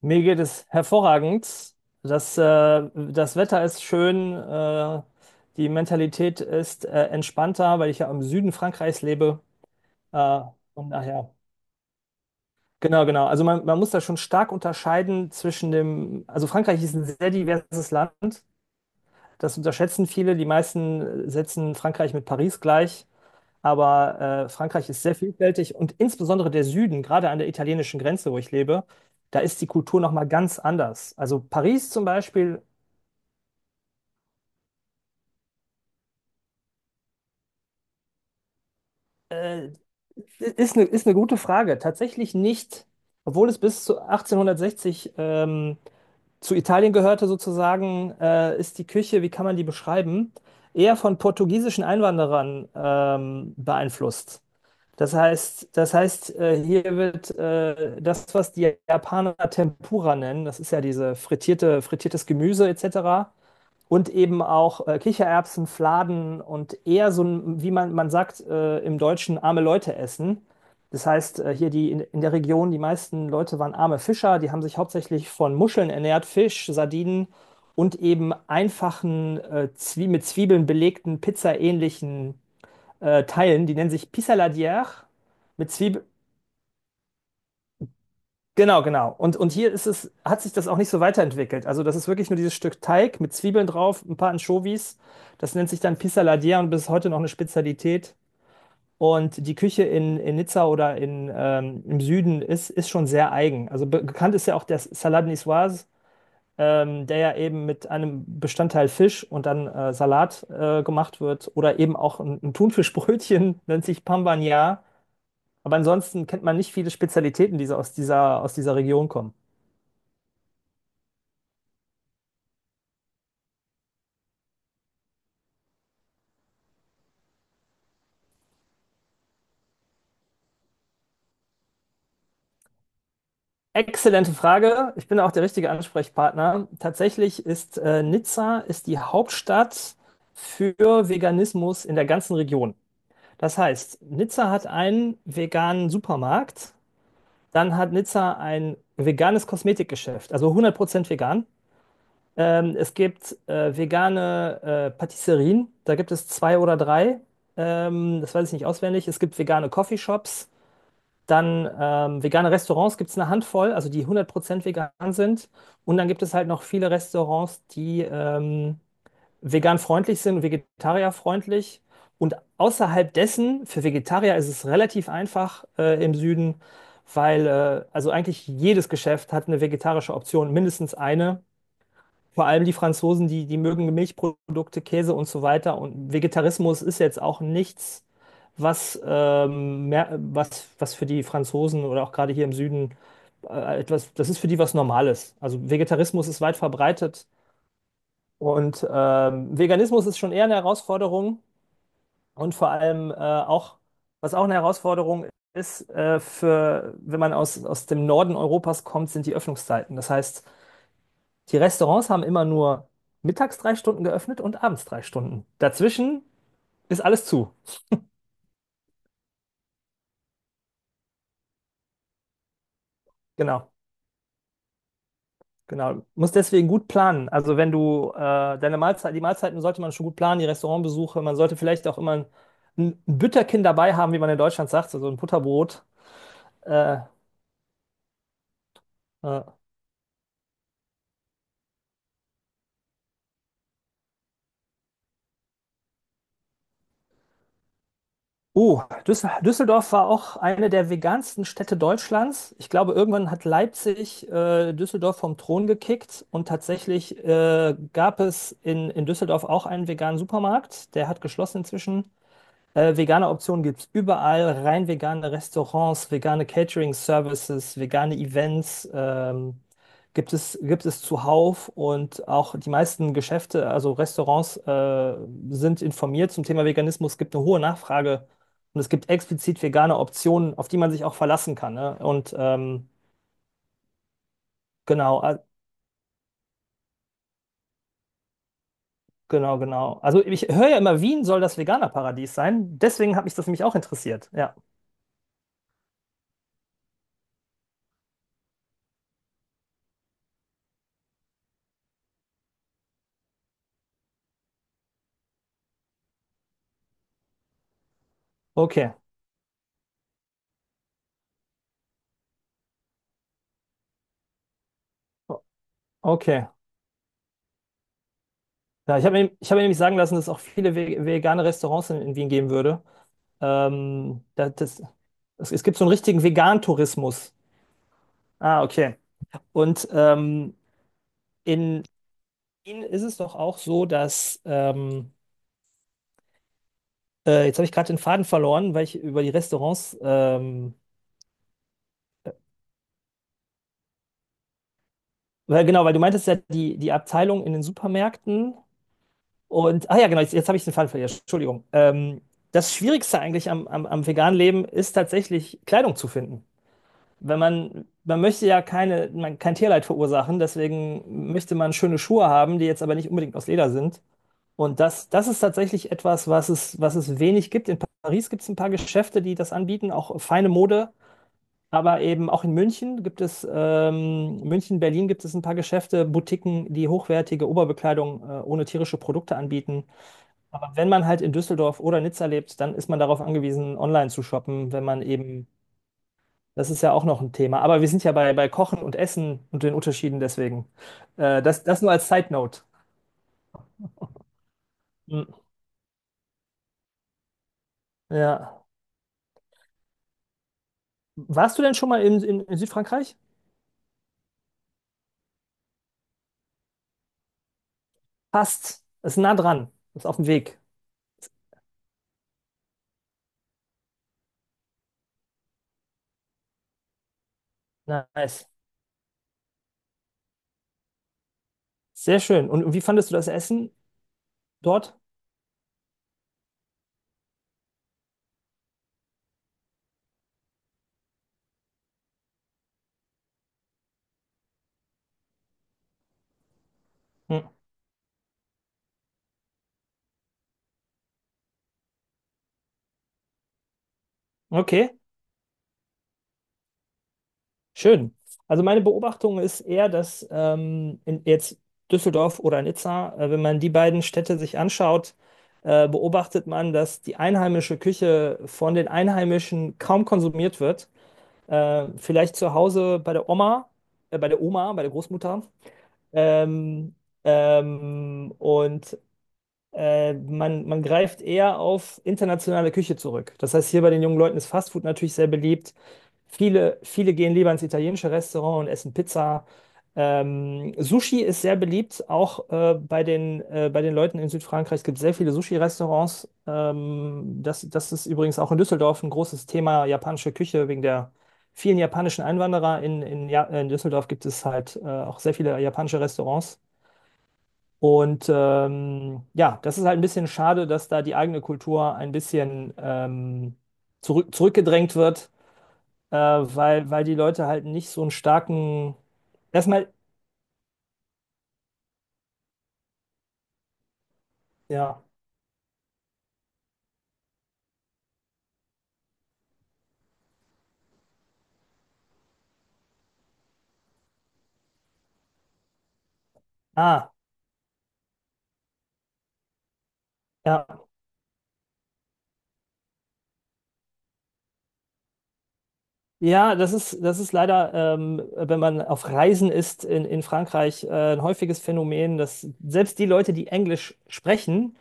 Mir geht es hervorragend. Das Wetter ist schön, die Mentalität ist entspannter, weil ich ja im Süden Frankreichs lebe. Äh, und daher, genau, genau. Also man muss da schon stark unterscheiden zwischen dem, also Frankreich ist ein sehr diverses Land. Das unterschätzen viele. Die meisten setzen Frankreich mit Paris gleich. Aber Frankreich ist sehr vielfältig und insbesondere der Süden, gerade an der italienischen Grenze, wo ich lebe, da ist die Kultur nochmal ganz anders. Also Paris zum Beispiel äh, ist eine gute Frage. Tatsächlich nicht, obwohl es bis zu 1860 zu Italien gehörte sozusagen, ist die Küche, wie kann man die beschreiben, eher von portugiesischen Einwanderern beeinflusst. Das heißt, hier wird das, was die Japaner Tempura nennen, das ist ja diese frittiertes Gemüse etc. Und eben auch Kichererbsen, Fladen und eher so ein, wie man sagt, im Deutschen arme Leute essen. Das heißt, hier die in der Region, die meisten Leute waren arme Fischer, die haben sich hauptsächlich von Muscheln ernährt, Fisch, Sardinen und eben einfachen, Zwie mit Zwiebeln belegten, pizzaähnlichen Teilen. Die nennen sich Pissaladière mit Zwiebel. Genau, genau. Und hier ist es, hat sich das auch nicht so weiterentwickelt. Also das ist wirklich nur dieses Stück Teig mit Zwiebeln drauf, ein paar Anchovies. Das nennt sich dann Pissaladière und bis heute noch eine Spezialität. Und die Küche in Nizza oder im Süden ist schon sehr eigen. Also be bekannt ist ja auch der Salade Niçoise, der ja eben mit einem Bestandteil Fisch und dann Salat gemacht wird. Oder eben auch ein Thunfischbrötchen, nennt sich Pambagnat. Aber ansonsten kennt man nicht viele Spezialitäten, die so aus dieser Region kommen. Exzellente Frage. Ich bin auch der richtige Ansprechpartner. Tatsächlich ist Nizza ist die Hauptstadt für Veganismus in der ganzen Region. Das heißt, Nizza hat einen veganen Supermarkt, dann hat Nizza ein veganes Kosmetikgeschäft, also 100% vegan. Es gibt vegane Patisserien, da gibt es zwei oder drei. Das weiß ich nicht auswendig. Es gibt vegane Coffeeshops. Dann vegane Restaurants gibt es eine Handvoll, also die 100% vegan sind. Und dann gibt es halt noch viele Restaurants, die vegan freundlich sind und vegetarierfreundlich. Und außerhalb dessen, für Vegetarier ist es relativ einfach im Süden, weil also eigentlich jedes Geschäft hat eine vegetarische Option, mindestens eine. Vor allem die Franzosen, die mögen Milchprodukte, Käse und so weiter. Und Vegetarismus ist jetzt auch nichts, was für die Franzosen oder auch gerade hier im Süden das ist für die was Normales. Also Vegetarismus ist weit verbreitet und Veganismus ist schon eher eine Herausforderung und vor allem auch, was auch eine Herausforderung ist, wenn man aus dem Norden Europas kommt, sind die Öffnungszeiten. Das heißt, die Restaurants haben immer nur mittags 3 Stunden geöffnet und abends 3 Stunden. Dazwischen ist alles zu. Genau, genau. Muss deswegen gut planen. Also wenn du die Mahlzeiten sollte man schon gut planen, die Restaurantbesuche. Man sollte vielleicht auch immer ein Bütterchen dabei haben, wie man in Deutschland sagt, also ein Butterbrot. Äh, äh, Oh, Düsseldorf war auch eine der vegansten Städte Deutschlands. Ich glaube, irgendwann hat Leipzig Düsseldorf vom Thron gekickt und tatsächlich gab es in Düsseldorf auch einen veganen Supermarkt. Der hat geschlossen inzwischen. Vegane Optionen gibt es überall, rein vegane Restaurants, vegane Catering-Services, vegane Events gibt es zuhauf und auch die meisten Geschäfte, also Restaurants, sind informiert zum Thema Veganismus. Es gibt eine hohe Nachfrage und es gibt explizit vegane Optionen, auf die man sich auch verlassen kann. Ne? Und genau, äh, genau, genau. Also ich höre ja immer, Wien soll das Veganer-Paradies sein. Deswegen hat mich das nämlich auch interessiert. Ja. Okay, O- okay. Ja, ich hab mir nämlich sagen lassen, dass es auch viele vegane Restaurants in Wien geben würde. Ähm, da- das, es gibt so einen richtigen Vegan-Tourismus. Ah, okay. Und in Wien ist es doch auch so, dass jetzt habe ich gerade den Faden verloren, weil ich über die Restaurants, weil du meintest ja, die Abteilung in den Supermärkten. Und, ah ja, genau, jetzt habe ich den Faden verloren. Entschuldigung. Das Schwierigste eigentlich am veganen Leben ist tatsächlich Kleidung zu finden. Wenn man möchte ja kein Tierleid verursachen, deswegen möchte man schöne Schuhe haben, die jetzt aber nicht unbedingt aus Leder sind. Und das ist tatsächlich etwas, was es wenig gibt. In Paris gibt es ein paar Geschäfte, die das anbieten, auch feine Mode. Aber eben auch in München gibt es, München, Berlin gibt es ein paar Geschäfte, Boutiquen, die hochwertige Oberbekleidung, ohne tierische Produkte anbieten. Aber wenn man halt in Düsseldorf oder Nizza lebt, dann ist man darauf angewiesen, online zu shoppen, wenn man eben, das ist ja auch noch ein Thema. Aber wir sind ja bei Kochen und Essen und den Unterschieden deswegen. Das nur als Side Note. Hm. Ja. Warst du denn schon mal in Südfrankreich? Passt. Ist nah dran. Ist auf dem Weg. Nice. Sehr schön. Und wie fandest du das Essen dort? Hm. Okay. Schön. Also meine Beobachtung ist eher, dass jetzt Düsseldorf oder Nizza, wenn man die beiden Städte sich anschaut, beobachtet man, dass die einheimische Küche von den Einheimischen kaum konsumiert wird. Vielleicht zu Hause bei der Oma, bei der Oma, bei der Großmutter. Ähm, und man greift eher auf internationale Küche zurück. Das heißt, hier bei den jungen Leuten ist Fastfood natürlich sehr beliebt. Viele gehen lieber ins italienische Restaurant und essen Pizza. Sushi ist sehr beliebt, auch bei den Leuten in Südfrankreich. Es gibt sehr viele Sushi-Restaurants. Das ist übrigens auch in Düsseldorf ein großes Thema, japanische Küche, wegen der vielen japanischen Einwanderer. In, ja, in Düsseldorf gibt es halt auch sehr viele japanische Restaurants. Und ja, das ist halt ein bisschen schade, dass da die eigene Kultur ein bisschen zurückgedrängt wird, weil die Leute halt nicht so einen starken. Erstmal, ja. Ah, ja. Ja, das ist leider, wenn man auf Reisen ist in Frankreich, ein häufiges Phänomen, dass selbst die Leute, die Englisch sprechen,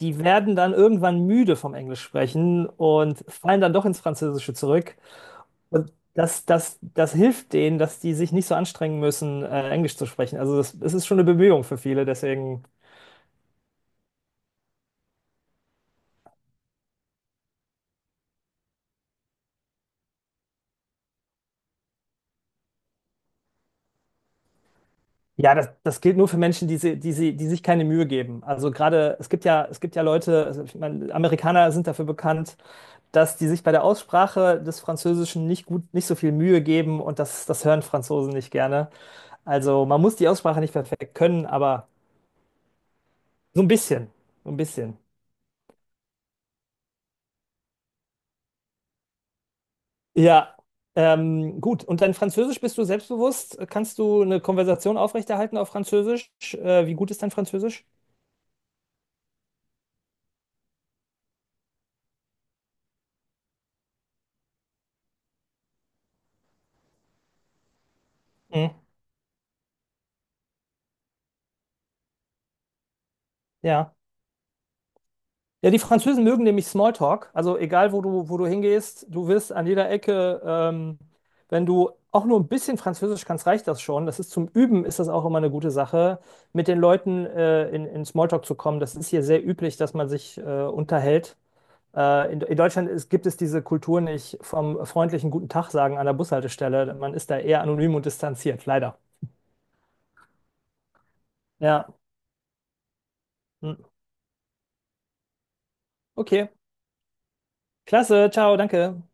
die werden dann irgendwann müde vom Englisch sprechen und fallen dann doch ins Französische zurück. Und das hilft denen, dass die sich nicht so anstrengen müssen, Englisch zu sprechen. Also das ist schon eine Bemühung für viele. Deswegen, ja, das gilt nur für Menschen, die sich keine Mühe geben. Also gerade, es gibt ja Leute, also ich meine, Amerikaner sind dafür bekannt, dass die sich bei der Aussprache des Französischen nicht gut, nicht so viel Mühe geben und das hören Franzosen nicht gerne. Also man muss die Aussprache nicht perfekt können, aber so ein bisschen, so ein bisschen. Ja, gut. Und dein Französisch bist du selbstbewusst? Kannst du eine Konversation aufrechterhalten auf Französisch? Wie gut ist dein Französisch? Mhm. Ja. Ja, die Französen mögen nämlich Smalltalk. Also egal, wo du hingehst, du wirst an jeder Ecke, wenn du auch nur ein bisschen Französisch kannst, reicht das schon. Das ist zum Üben, ist das auch immer eine gute Sache, mit den Leuten in Smalltalk zu kommen. Das ist hier sehr üblich, dass man sich unterhält. In Deutschland gibt es diese Kultur nicht vom freundlichen Guten Tag sagen an der Bushaltestelle. Man ist da eher anonym und distanziert, leider. Ja, hm. Okay. Klasse, ciao, danke.